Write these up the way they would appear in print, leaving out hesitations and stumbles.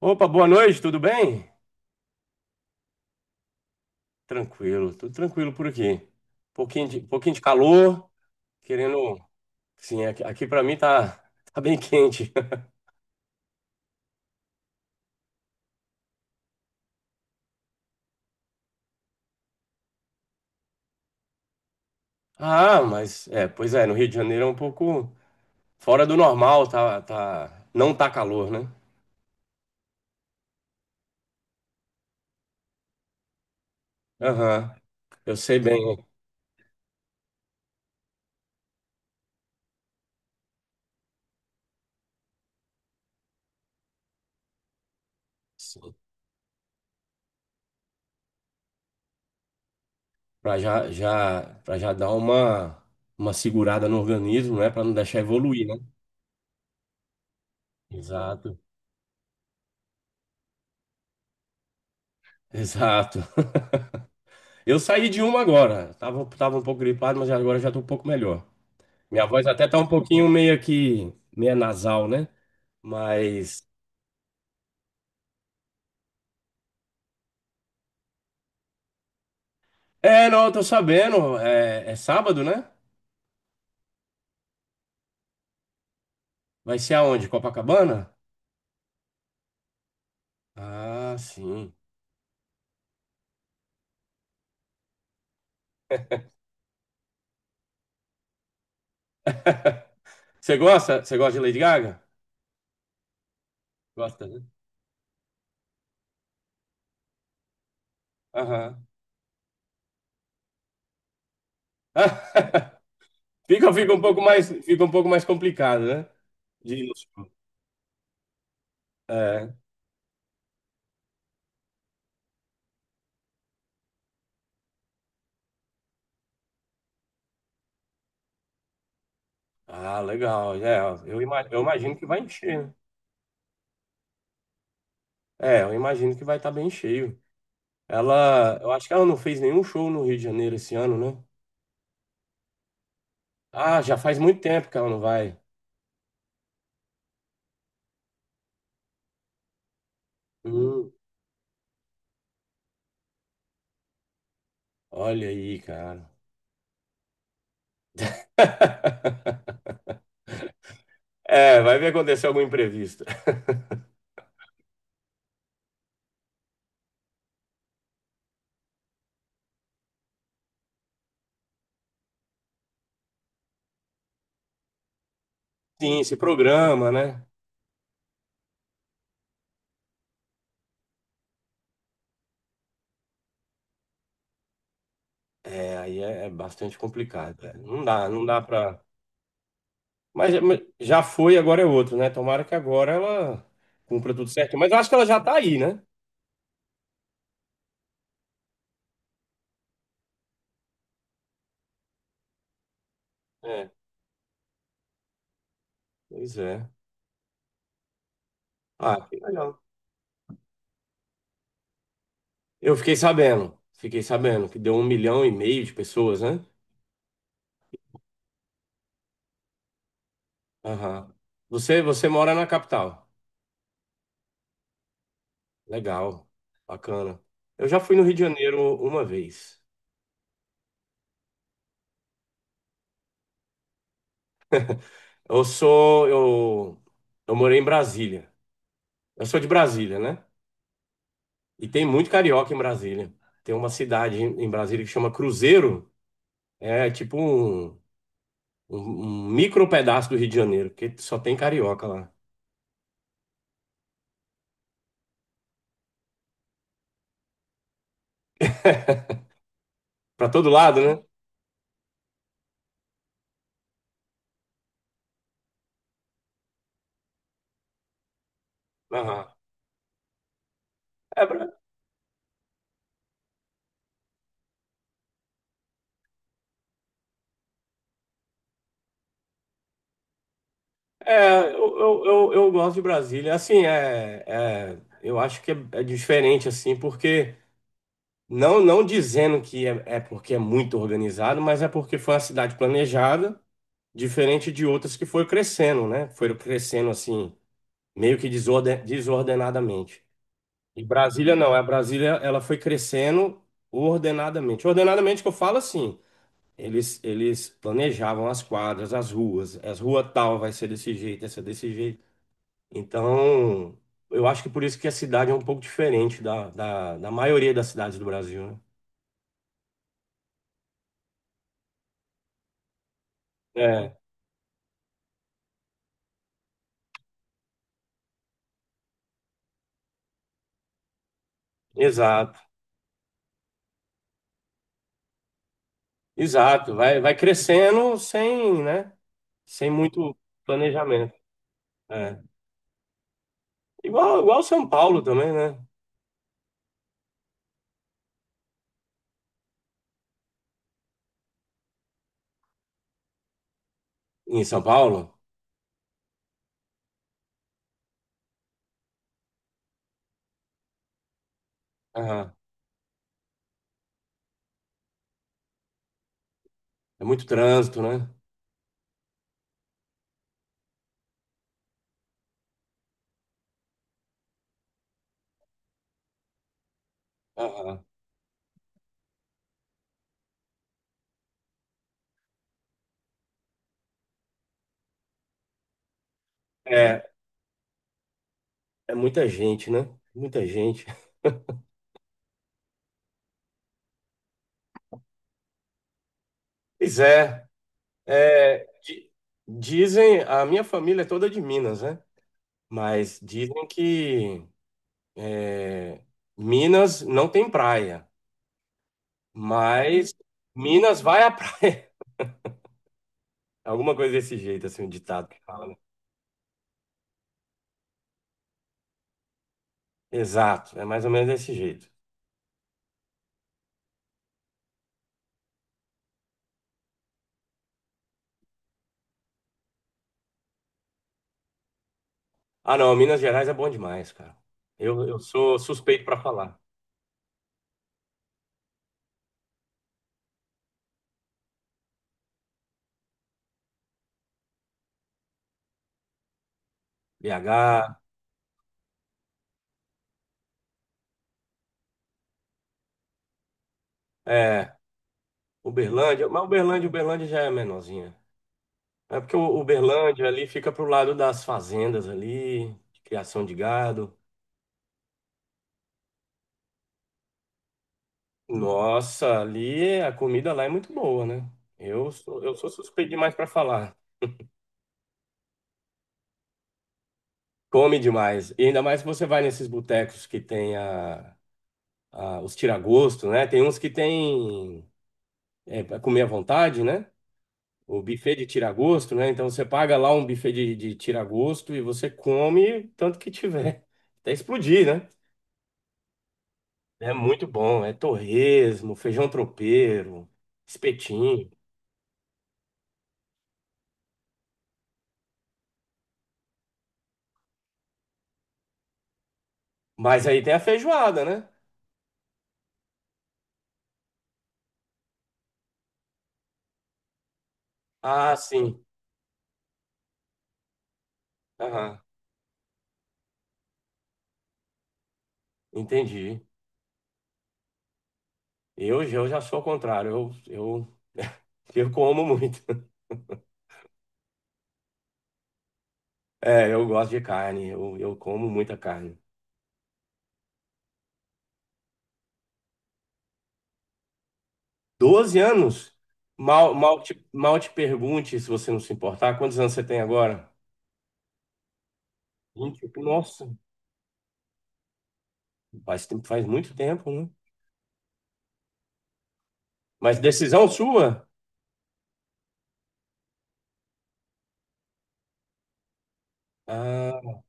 Opa, boa noite, tudo bem? Tranquilo, tudo tranquilo por aqui. Pouquinho de calor, querendo. Sim, aqui para mim tá, tá bem quente. Ah, mas é, pois é, no Rio de Janeiro é um pouco fora do normal, tá, não tá calor, né? Aham, eu sei bem. Né? Sim. Para já dar uma segurada no organismo, né? Pra não deixar evoluir, né? Exato, exato. Eu saí de uma agora. Tava um pouco gripado, mas agora já tô um pouco melhor. Minha voz até tá um pouquinho meio que meio nasal, né? Mas é, não, eu tô sabendo. É sábado, né? Vai ser aonde? Copacabana? Ah, sim. Você gosta? Você gosta de Lady Gaga? Gosta, né? Aham. Fica um pouco mais complicado, né? De ir no show. É. Ah, legal. É, eu imagino que vai encher. Né? É, eu imagino que vai estar bem cheio. Eu acho que ela não fez nenhum show no Rio de Janeiro esse ano, né? Ah, já faz muito tempo que ela não vai. Hum, olha aí, cara. É, vai ver acontecer algum imprevisto. Sim, esse programa, né? É, aí é bastante complicado, velho. Não dá, não dá pra. Mas já foi, agora é outro, né? Tomara que agora ela cumpra tudo certo. Mas eu acho que ela já tá aí, né? É, pois é. Ah, que legal. Eu fiquei sabendo que deu 1,5 milhão de pessoas, né? Aham. Você mora na capital. Legal, bacana. Eu já fui no Rio de Janeiro uma vez. Eu sou, eu, eu morei em Brasília. Eu sou de Brasília, né? E tem muito carioca em Brasília. Tem uma cidade em Brasília que chama Cruzeiro. É tipo um, um micro pedaço do Rio de Janeiro, porque só tem carioca lá. Pra todo lado, né? Aham. É, Bra- é, eu gosto de Brasília. Assim, é, eu acho que é diferente, assim, porque não, não dizendo que é porque é muito organizado, mas é porque foi uma cidade planejada, diferente de outras que foi crescendo, né? Foram crescendo assim, meio que desordenadamente. E Brasília não, a Brasília ela foi crescendo ordenadamente. Ordenadamente que eu falo assim, eles planejavam as quadras, as ruas, as rua tal vai ser desse jeito, essa desse jeito. Então, eu acho que por isso que a cidade é um pouco diferente da maioria das cidades do Brasil, né? É. Exato, exato. Vai crescendo sem, né? Sem muito planejamento. É. Igual São Paulo também, né? Em São Paulo, aham, é muito trânsito, né? Aham. É, é muita gente, né? Muita gente. Pois é, é, di- dizem, a minha família é toda de Minas, né? Mas dizem que é, Minas não tem praia, mas Minas vai à praia. Alguma coisa desse jeito, assim, um ditado que fala, né? Exato, é mais ou menos desse jeito. Ah, não, Minas Gerais é bom demais, cara. Eu sou suspeito para falar. BH, é, Uberlândia já é menorzinha. É porque o Uberlândia ali fica pro lado das fazendas ali, de criação de gado. Nossa, ali a comida lá é muito boa, né? Eu sou suspeito demais para falar. Come demais. E ainda mais se você vai nesses botecos que tem os tira-gosto, né? Tem uns que tem é, pra comer à vontade, né? O buffet de tira-gosto, né? Então você paga lá um buffet de tira-gosto e você come tanto que tiver. Até explodir, né? É muito bom. É torresmo, feijão tropeiro, espetinho. Mas aí tem a feijoada, né? Ah, sim. Aham, entendi. Eu já sou ao contrário. Eu como muito. É, eu gosto de carne. Eu como muita carne. 12 anos? Mal te pergunte, se você não se importar, quantos anos você tem agora? 20. Nossa, faz muito tempo, né? Mas decisão sua? Ah,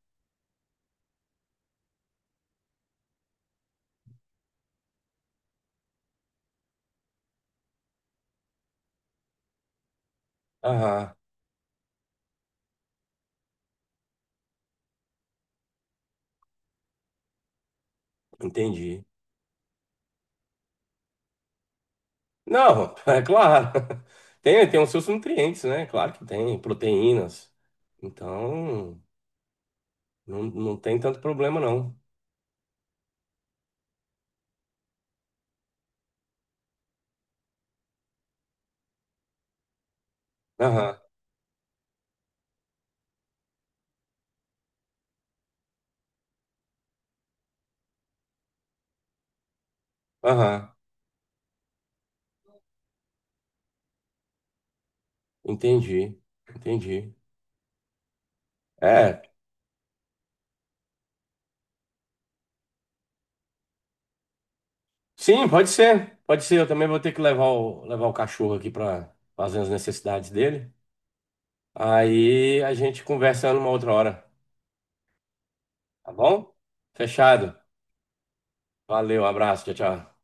aham, entendi. Não, é claro. Tem os seus nutrientes, né? Claro que tem, proteínas. Então, não, não tem tanto problema, não. Aham, aham, entendi, entendi. É, sim, pode ser. Pode ser. Eu também vou ter que levar o cachorro aqui para fazer as necessidades dele. Aí a gente conversa numa outra hora, tá bom? Fechado. Valeu, abraço, tchau, tchau.